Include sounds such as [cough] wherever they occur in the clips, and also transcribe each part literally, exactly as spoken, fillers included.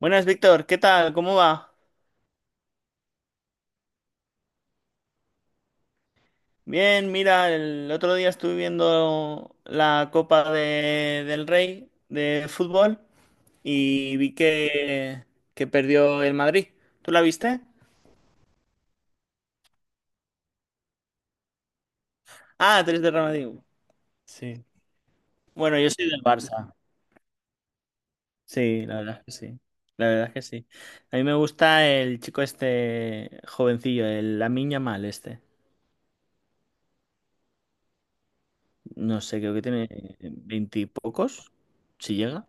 Buenas, Víctor, ¿qué tal? ¿Cómo va? Bien, mira, el otro día estuve viendo la Copa de- del Rey de fútbol y vi que, que perdió el Madrid. ¿Tú la viste? Ah, tres de Real Madrid. Sí. Bueno, yo soy del Barça. Sí, la verdad es que sí. La verdad es que sí. A mí me gusta el chico este jovencillo, el Lamine Yamal este. No sé, creo que tiene veintipocos, si llega.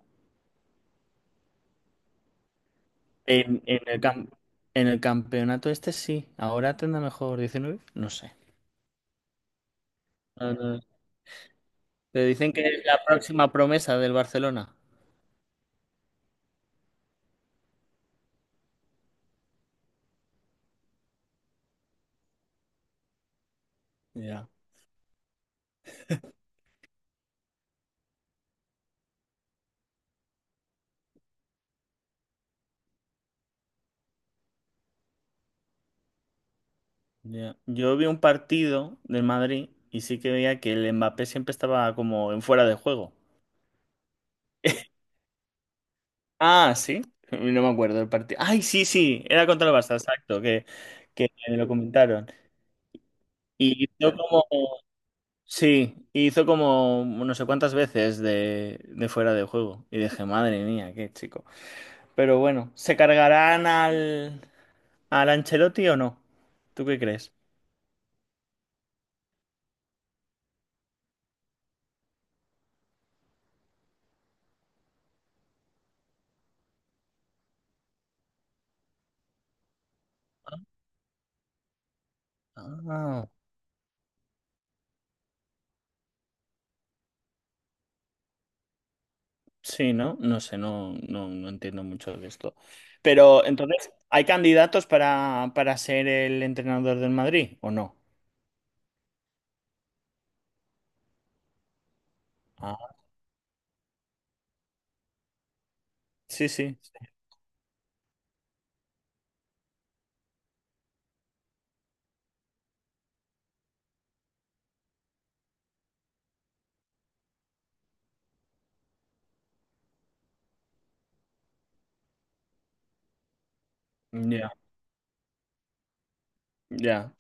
En, en el cam- en el campeonato este sí. Ahora tendrá mejor diecinueve. No sé. No, no. Te dicen que es la próxima promesa del Barcelona. Ya, ya. Yo vi un partido del Madrid y sí que veía que el Mbappé siempre estaba como en fuera de juego. [laughs] Ah, sí. No me acuerdo del partido. Ay, sí, sí. Era contra el Barça, exacto. Que, que me lo comentaron. Y hizo como. Sí, hizo como no sé cuántas veces de, de fuera de juego. Y dije, madre mía, qué chico. Pero bueno, ¿se cargarán al, al Ancelotti o no? ¿Tú qué crees? Ah. Sí, ¿no? No sé, no, no, no entiendo mucho de esto. Pero entonces, ¿hay candidatos para, para ser el entrenador del Madrid o no? Ah, sí, sí. Ya, ya.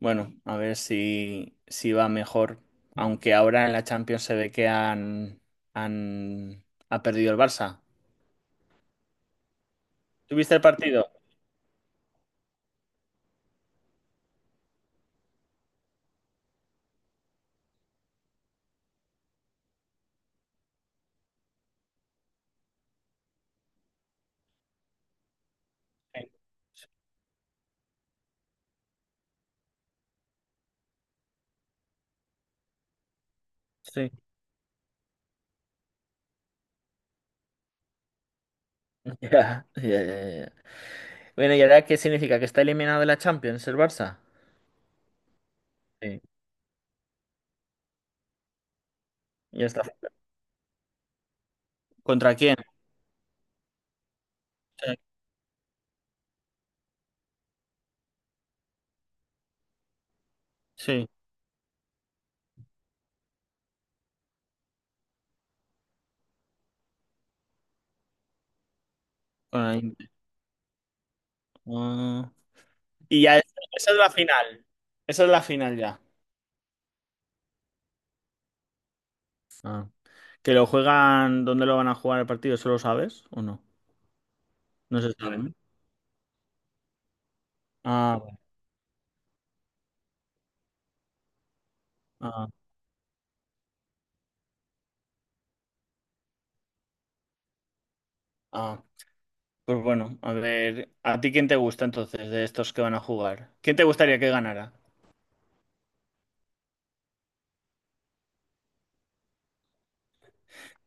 Bueno, a ver si, si va mejor. Aunque ahora en la Champions se ve que han, han ha perdido el Barça. ¿Tuviste el partido? Sí. Sí. [laughs] Ya, ya, ya, ya. Bueno, ¿y ahora qué significa? ¿Que está eliminado de la Champions el Barça? Sí. Ya está. ¿Contra quién? Sí, sí, con la Inter. Ah. Y ya, es- esa es la final. Esa es la final ya. Ah. ¿Que lo juegan? ¿Dónde lo van a jugar el partido? ¿Eso lo sabes o no? No se sabe. ¿No? Ah, bueno. Ah, ah. Pues bueno, a ver, ¿a ti quién te gusta entonces de estos que van a jugar? ¿Quién te gustaría que ganara?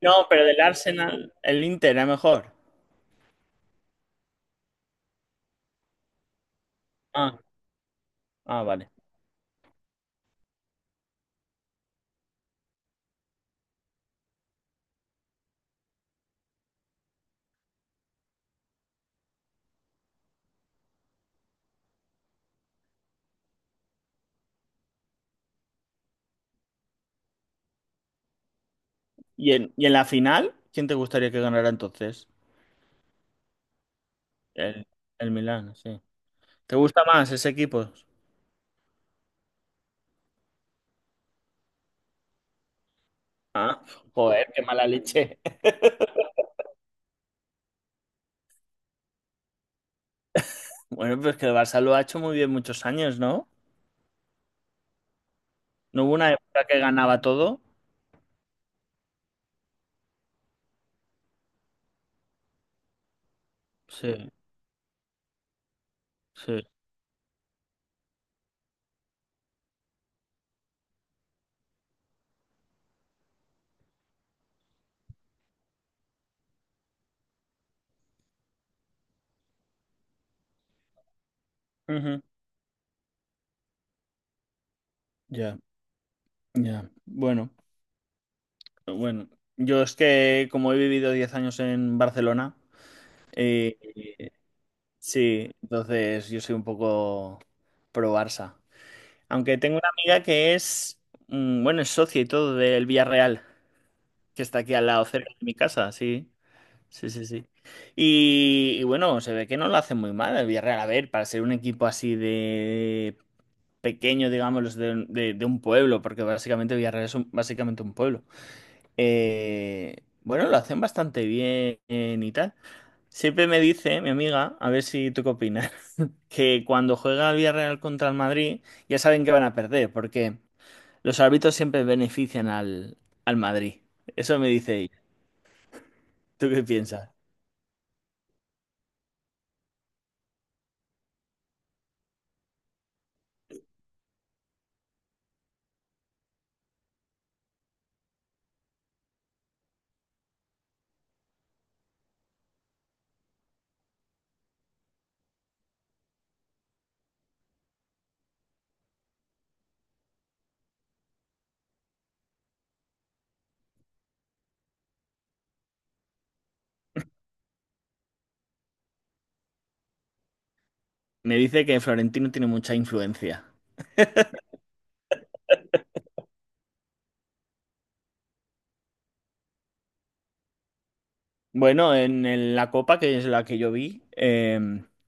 No, pero del Arsenal, el Inter era mejor. Ah, ah, vale. ¿Y en, y en la final, quién te gustaría que ganara entonces? El, el Milán, sí. ¿Te gusta más ese equipo? Ah, joder, qué mala leche. [laughs] Bueno, pues que el Barça lo ha hecho muy bien muchos años, ¿no? ¿No hubo una época que ganaba todo? Sí, sí. Ujú. Ya, ya. Bueno, bueno. Yo es que como he vivido diez años en Barcelona, eh, sí, entonces yo soy un poco pro Barça. Aunque tengo una amiga que es, mm, bueno, es socia y todo del Villarreal. Que está aquí al lado, cerca de mi casa, sí. Sí, sí, sí. Y, y bueno, se ve que no lo hace muy mal el Villarreal. A ver, para ser un equipo así de pequeño, digamos, de, de- de un pueblo, porque básicamente Villarreal es un- básicamente un pueblo. Eh, bueno, lo hacen bastante bien y tal. Siempre me dice mi amiga, a ver si tú qué opinas, [laughs] que cuando juega el Villarreal contra el Madrid, ya saben que van a perder, porque los árbitros siempre benefician al, al Madrid. Eso me dice ella. ¿Tú qué piensas? Me dice que Florentino tiene mucha influencia. Bueno, en el- la Copa, que es la que yo vi, eh,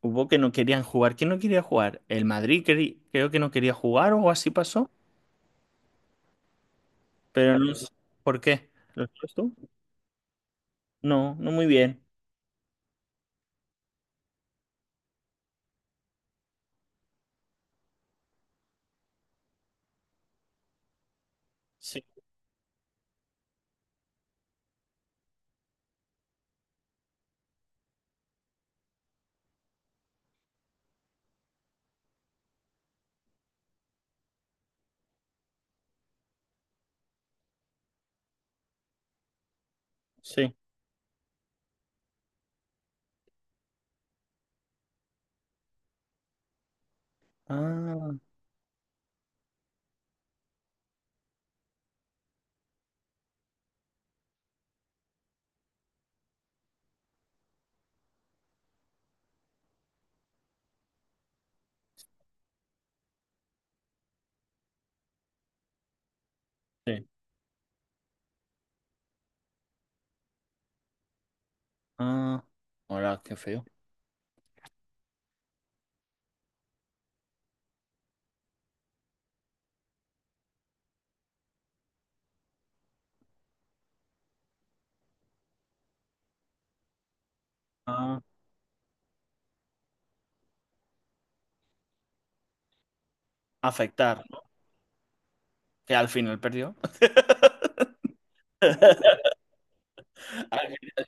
hubo que no querían jugar. ¿Quién no quería jugar? El Madrid queri- creo que no quería jugar o algo así pasó, pero no sé por qué. ¿Lo sabes tú? No, no muy bien. Sí, sí. Ah, sí. Ah, ahora qué feo. Ah, afectar, ¿no? Que al final perdió. [laughs]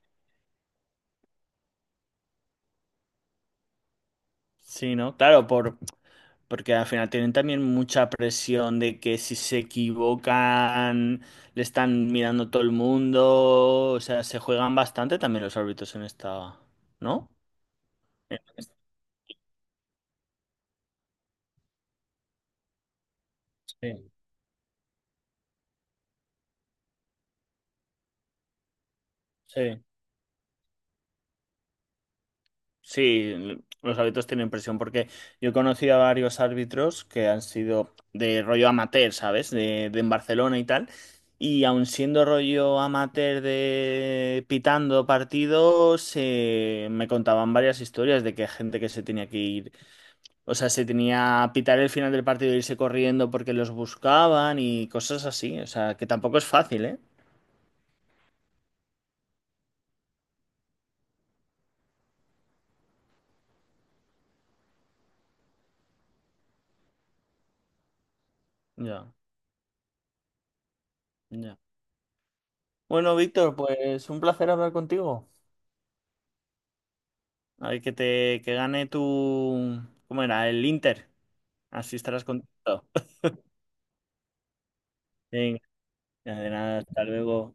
Sí, ¿no? Claro, por, porque al final tienen también mucha presión de que si se equivocan, le están mirando todo el mundo. O sea, se juegan bastante también los árbitros en esta, ¿no? En esta- sí, sí. Sí, los árbitros tienen presión porque yo he conocido a varios árbitros que han sido de rollo amateur, ¿sabes? De, de en Barcelona y tal. Y aun siendo rollo amateur de pitando partidos, eh, me contaban varias historias de que gente que se tenía que ir. O sea, se tenía a pitar el final del partido e irse corriendo porque los buscaban y cosas así. O sea, que tampoco es fácil, ¿eh? Ya, ya. Bueno, Víctor, pues un placer hablar contigo. A ver, que te que gane tu... ¿Cómo era? El Inter. Así estarás contento. [laughs] Venga, de nada, hasta luego.